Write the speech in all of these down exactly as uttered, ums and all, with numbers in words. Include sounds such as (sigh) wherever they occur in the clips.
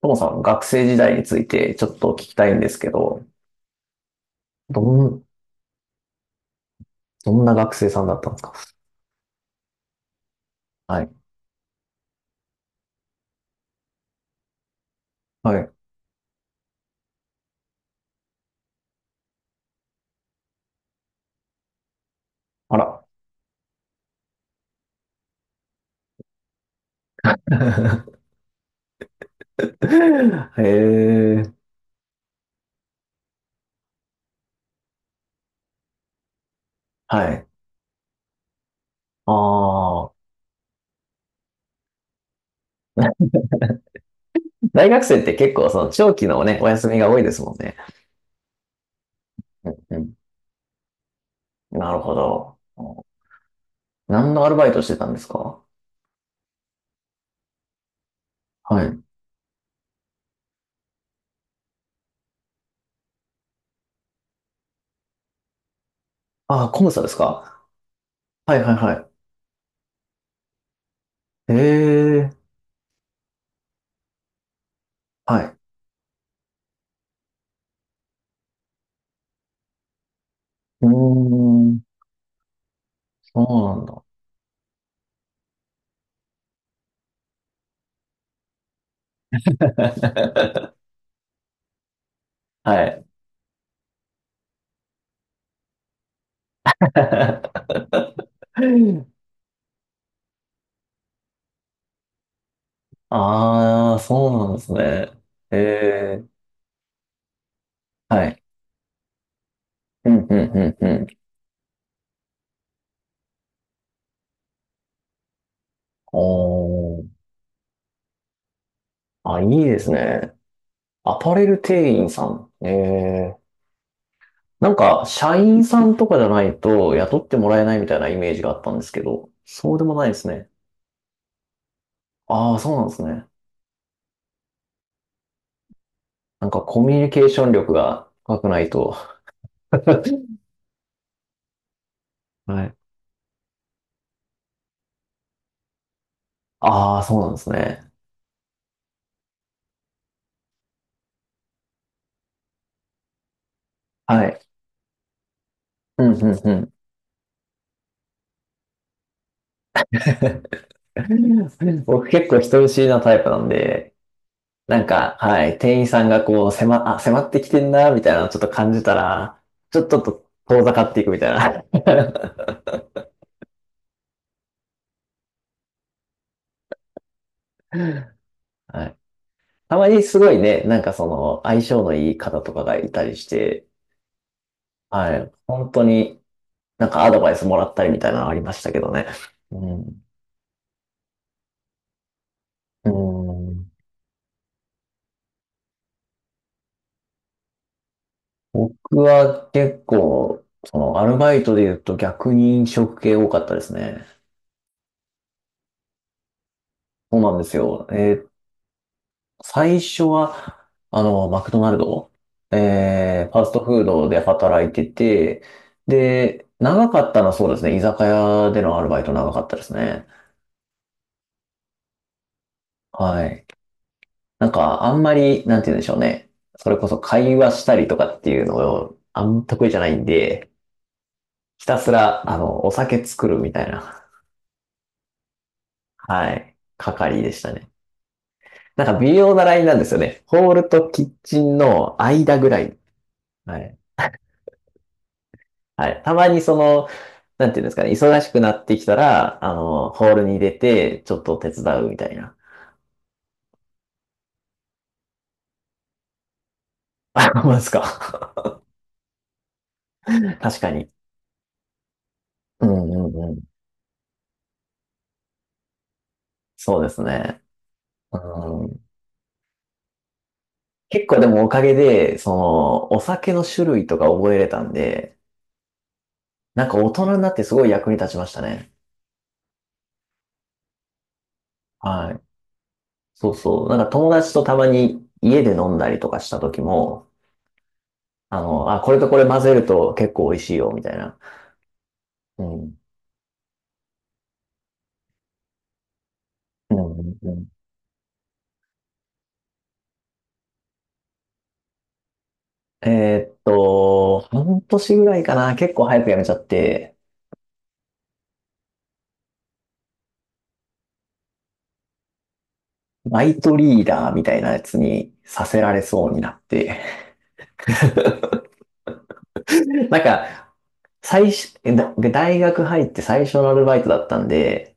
ともさん、学生時代についてちょっと聞きたいんですけど、どん、どんな学生さんだったんですか？はい。はい。あら。(laughs) へえ。はい。ああ。(laughs) 大学生って結構その長期のね、お休みが多いですもんね。うんうん。なるほど。何のアルバイトしてたんですか？はい。ああ、コムサですか？はいはいはい。へえ。はい。うーん。そうなんだ。(laughs) はい。(laughs) ああ、そうなんですね。ええ、はい。うん、うん、うん、うん。おー。あ、いいですね。アパレル店員さん。ええ。なんか、社員さんとかじゃないと雇ってもらえないみたいなイメージがあったんですけど、そうでもないですね。ああ、そうなんですね。なんかコミュニケーション力が高くないと。はい。ああ、そうなんですね。はい。うん、うん、うん。(laughs) 僕結構人見知りなタイプなんで、なんか、はい、店員さんがこう、迫、あ、迫ってきてんな、みたいなのをちょっと感じたら、ちょっとと遠ざかっていくみたいな。(laughs) はい。たまにすごいね、なんかその、相性のいい方とかがいたりして、はい、本当になんかアドバイスもらったりみたいなのありましたけどね。うん。うん。僕は結構、その、アルバイトで言うと逆に飲食系多かったですね。そうなんですよ。え最初は、あの、マクドナルド、えー、ファストフードで働いてて、で、長かったのはそうですね、居酒屋でのアルバイト長かったですね。はい。なんか、あんまり、なんて言うんでしょうね。それこそ会話したりとかっていうのを、あんま得意じゃないんで、ひたすら、あの、お酒作るみたいな、はい、係でしたね。なんか微妙なラインなんですよね。ホールとキッチンの間ぐらい。はい。はい。たまにその、なんていうんですかね、忙しくなってきたら、あの、ホールに出て、ちょっと手伝うみたいな。(laughs) あ、ほんまですか。(laughs) 確かに。うんうんうん。そうですね。うん。結構でもおかげで、その、お酒の種類とか覚えれたんで、なんか大人になってすごい役に立ちましたね。はい。そうそう。なんか友達とたまに家で飲んだりとかした時も、あの、あ、これとこれ混ぜると結構美味しいよ、みたいな。うん。うんうんうん。えーっと、はんとしぐらいかな、結構早く辞めちゃって、バイトリーダーみたいなやつにさせられそうになって。(laughs) なんか、最初、えだ大学入って最初のアルバイトだったんで、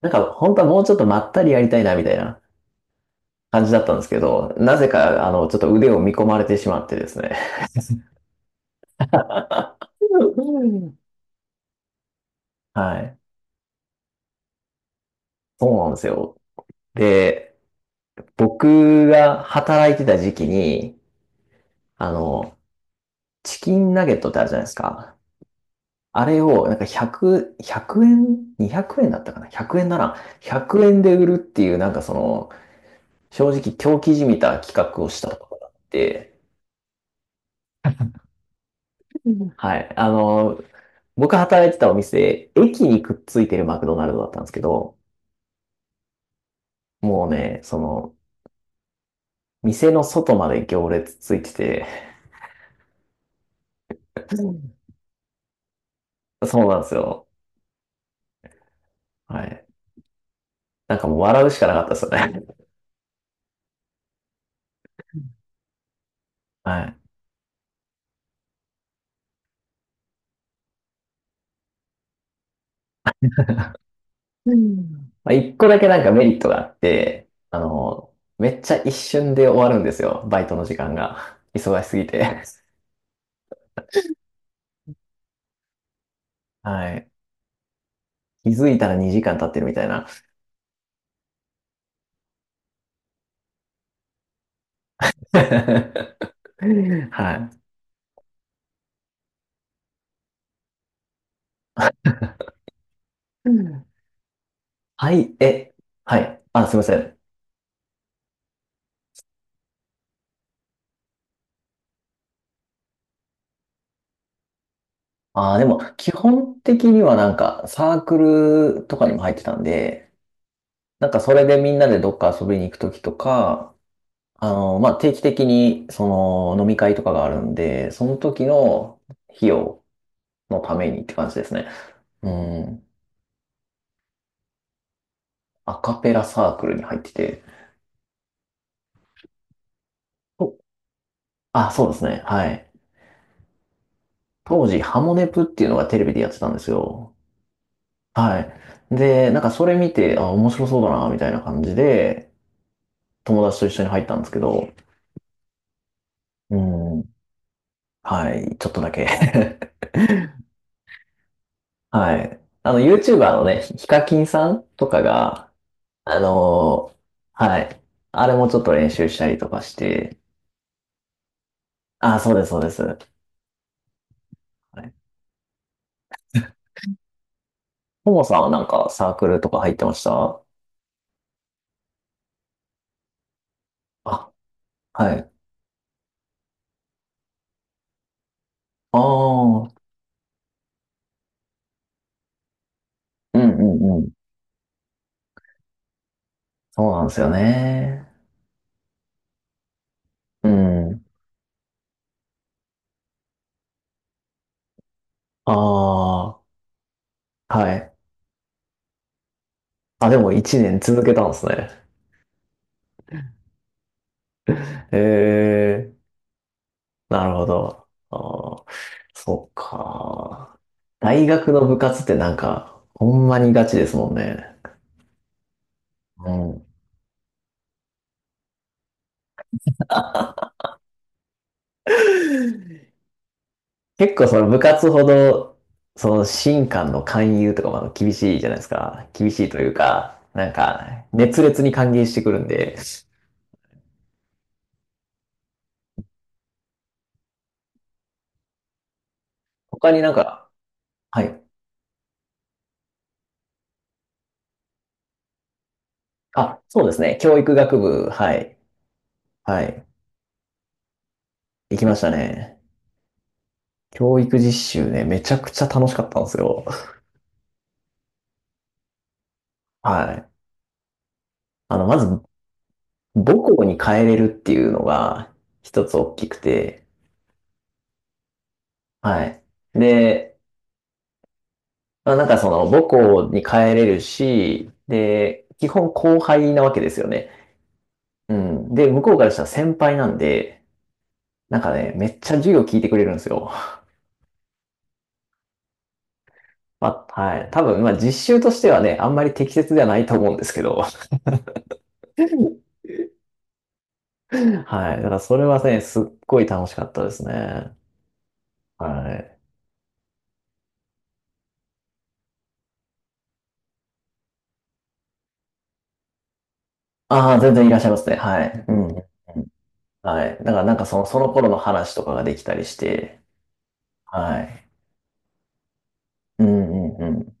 なんか本当はもうちょっとまったりやりたいなみたいな感じだったんですけど、なぜか、あの、ちょっと腕を見込まれてしまってですね。(laughs) はい。そうなんですよ。で、僕が働いてた時期に、あの、チキンナゲットってあるじゃないですか。あれを、なんか100、ひゃくえん、にひゃくえんだったかな？ ひゃく 円なら、ひゃくえんで売るっていう、なんかその、正直狂気じみた企画をしたところがあって、うんはい。あの、僕働いてたお店、駅にくっついてるマクドナルドだったんですけど、もうね、その、店の外まで行列ついてて、うんそうなんですよ。はい。なんかもう笑うしかなかったですよね。はい。うん。まあ、いっこだけなんかメリットがあって、あの、めっちゃ一瞬で終わるんですよ。バイトの時間が。(laughs) 忙しすぎて。はい。気づいたらにじかん経ってるみたいな。(laughs) はい。うん。はい、え、はい。あ、すいません。あー、でも、基本的にはなんか、サークルとかにも入ってたんで、なんかそれでみんなでどっか遊びに行くときとか、あの、まあ、定期的に、その、飲み会とかがあるんで、その時の費用のためにって感じですね。うん。アカペラサークルに入ってて。おあ、そうですね。はい。当時、ハモネプっていうのがテレビでやってたんですよ。はい。で、なんかそれ見て、あ、面白そうだな、みたいな感じで、友達と一緒に入ったんですけど、うん。はい。ちょっとだけ。 (laughs) はい。あの、YouTuber のね、ヒカキンさんとかが、あのーはい。あれもちょっと練習したりとかして、あ、そうです、そうです。はい。ももさんはなんかサークルとか入ってました？あ、はい。ああ、うんうんうん。そうなんですよね。うん。ああ、はい。あ、でもいちねん続けたんですね。(laughs) ええ、なるほど。ああ、そっか。大学の部活ってなんか、ほんまにガチですもんね。結構その部活ほど、その新官の勧誘とかもあの厳しいじゃないですか。厳しいというか、なんか熱烈に歓迎してくるんで、他になんか、はい。あ、そうですね。教育学部、はい。はい。行きましたね。教育実習ね、めちゃくちゃ楽しかったんですよ。はい。あの、まず、母校に帰れるっていうのが一つ大きくて、はい。で、まあ、なんかその母校に帰れるし、で、基本後輩なわけですよね。うん。で、向こうからしたら先輩なんで、なんかね、めっちゃ授業聞いてくれるんですよ。(laughs) まあ、はい。多分、まあ実習としてはね、あんまり適切ではないと思うんですけど。(laughs) はい。だからそれはね、すっごい楽しかったですね。はい。ああ、全然いらっしゃいますね。はい。うん。うんはい。だからなんかその、その頃の話とかができたりして、はい。うんうんうん。